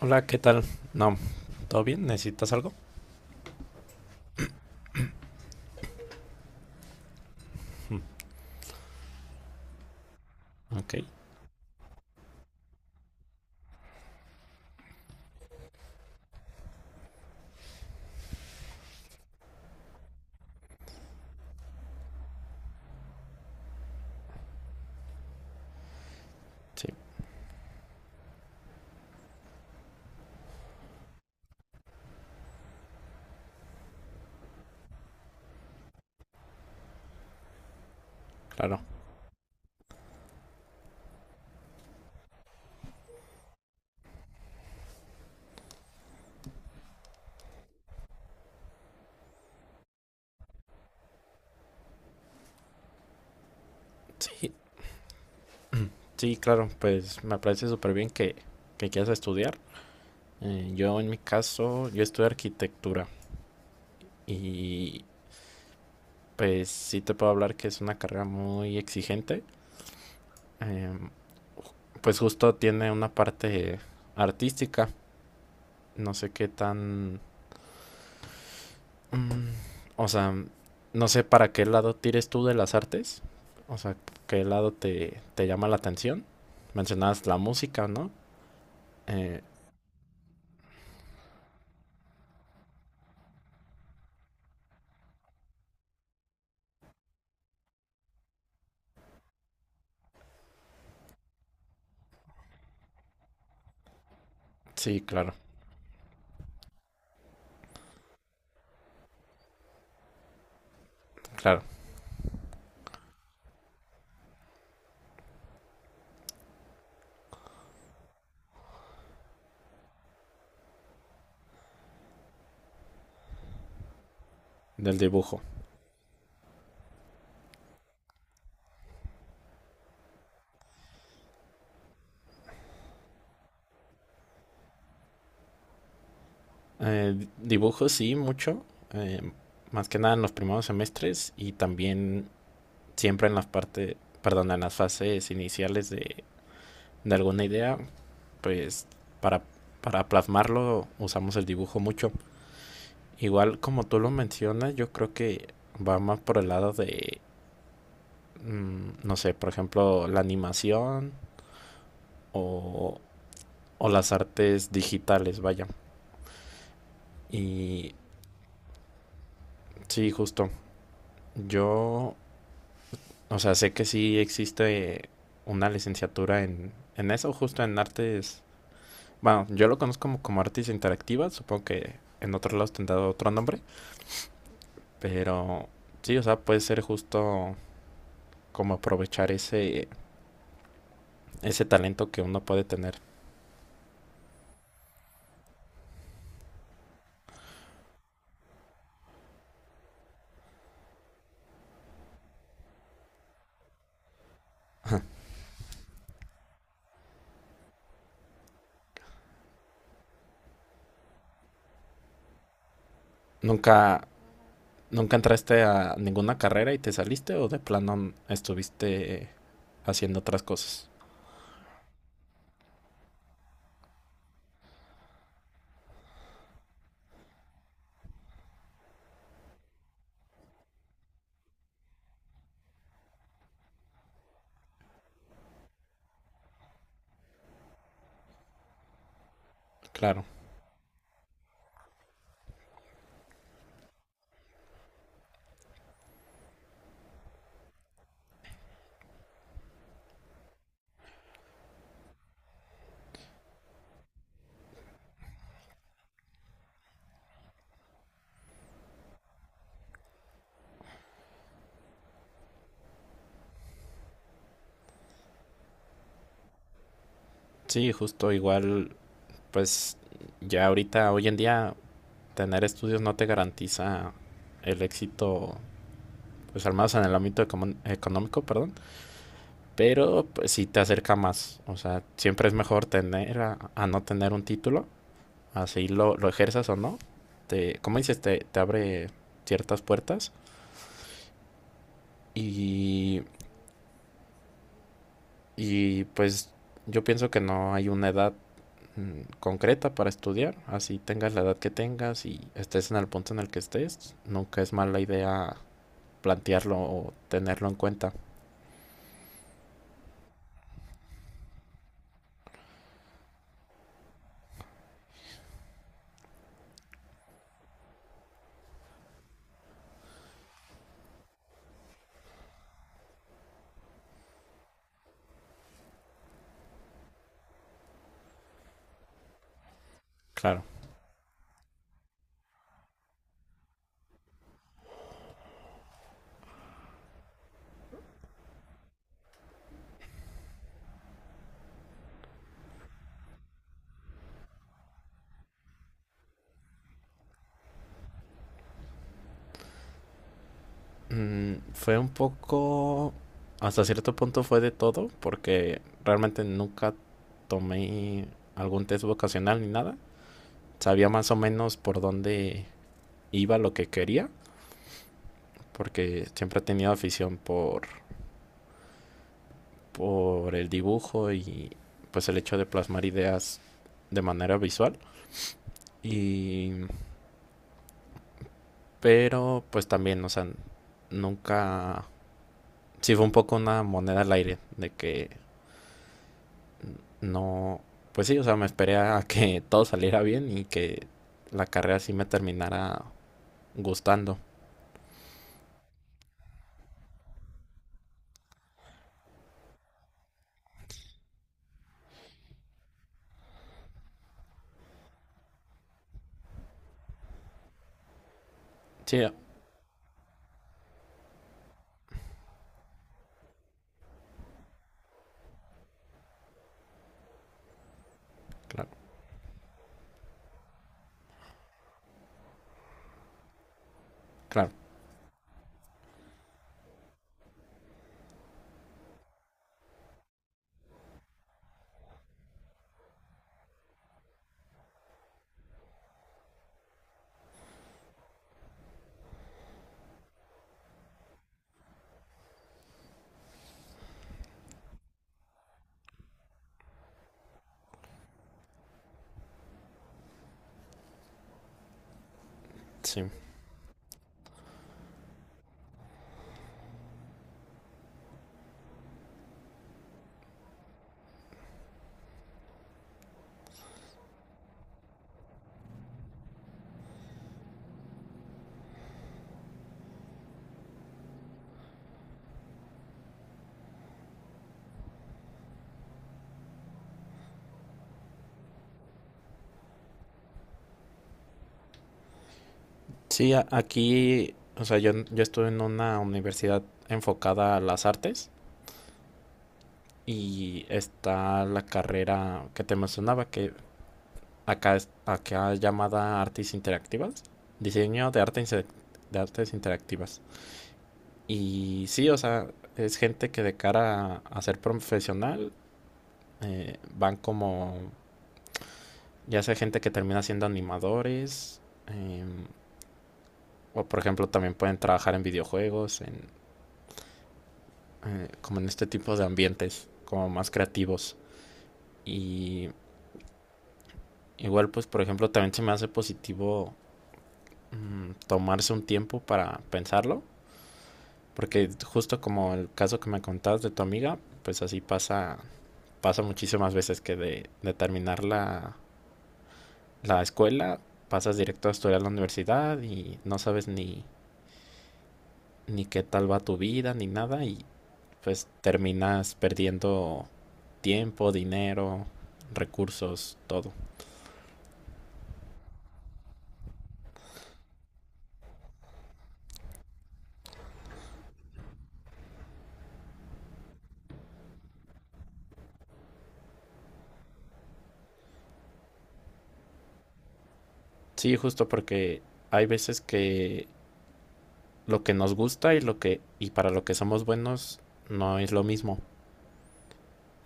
Hola, ¿qué tal? No, ¿todo bien? ¿Necesitas algo? Ok, sí, claro. Sí, sí, claro, pues me parece súper bien que quieras estudiar. Yo en mi caso, yo estudio arquitectura y pues sí te puedo hablar que es una carrera muy exigente. Eh, pues justo tiene una parte artística, no sé qué tan... mm, o sea, no sé para qué lado tires tú de las artes, o sea, qué lado te llama la atención. Mencionabas la música, ¿no? Eh, sí, claro, claro, del dibujo. Dibujo sí, mucho, eh, más que nada en los primeros semestres y también siempre en las partes, perdón, en las fases iniciales de alguna idea, pues para, para plasmarlo usamos el dibujo mucho. Igual como tú lo mencionas, yo creo que va más por el lado de, no sé, por ejemplo, la animación o, o las artes digitales, vaya. Y sí, justo. Yo, o sea, sé que sí existe una licenciatura en eso, justo en artes. Bueno, yo lo conozco como, como artes interactivas, supongo que en otros lados tendrá otro nombre, pero sí, o sea, puede ser justo como aprovechar ese talento que uno puede tener. ¿Nunca, nunca entraste a ninguna carrera y te saliste o de plano estuviste haciendo otras cosas? Claro, sí, justo igual, pues ya ahorita, hoy en día, tener estudios no te garantiza el éxito, pues al menos en el ámbito econom- económico, perdón, pero pues sí te acerca más, o sea, siempre es mejor tener a no tener un título, así lo ejerzas o no, como dices, te abre ciertas puertas y Y pues yo pienso que no hay una edad concreta para estudiar, así tengas la edad que tengas y estés en el punto en el que estés, nunca es mala idea plantearlo o tenerlo en cuenta. Claro. Fue un poco, hasta cierto punto fue de todo, porque realmente nunca tomé algún test vocacional ni nada. Sabía más o menos por dónde iba lo que quería, porque siempre he tenido afición por el dibujo y pues el hecho de plasmar ideas de manera visual. Y pero pues también, o sea, nunca sí fue un poco una moneda al aire de que no, pues sí, o sea, me esperé a que todo saliera bien y que la carrera sí me terminara gustando. Sí, ah, claro, claro, sí. Sí, aquí, o sea, yo estuve en una universidad enfocada a las artes, y está la carrera que te mencionaba, que acá es llamada Artes Interactivas, diseño de arte inse- de artes interactivas. Y sí, o sea, es gente que de cara a ser profesional, van como, ya sea gente que termina siendo animadores, em, o por ejemplo también pueden trabajar en videojuegos, como en este tipo de ambientes, como más creativos. Y igual pues por ejemplo también se me hace positivo, tomarse un tiempo para pensarlo, porque justo como el caso que me contabas de tu amiga, pues así pasa, pasa muchísimas veces que de terminar la escuela, pasas directo a estudiar a la universidad y no sabes ni qué tal va tu vida ni nada y pues terminas perdiendo tiempo, dinero, recursos, todo. Sí, justo porque hay veces que lo que nos gusta y lo que y para lo que somos buenos no es lo mismo.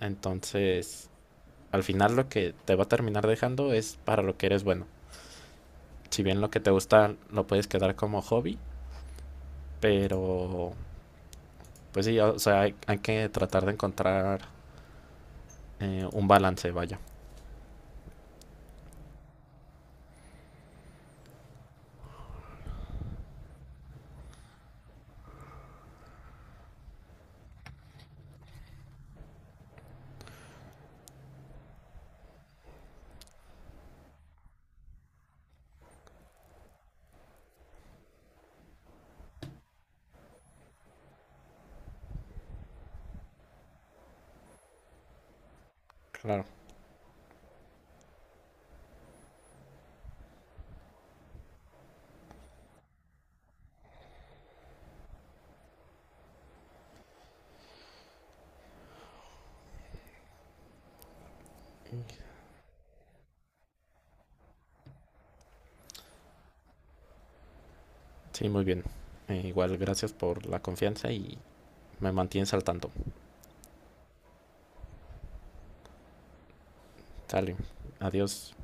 Entonces, al final lo que te va a terminar dejando es para lo que eres bueno. Si bien lo que te gusta lo puedes quedar como hobby, pero pues sí, o sea, hay que tratar de encontrar un balance, vaya. Claro. Sí, muy bien. Igual, gracias por la confianza y me mantienes al tanto. Dale, adiós.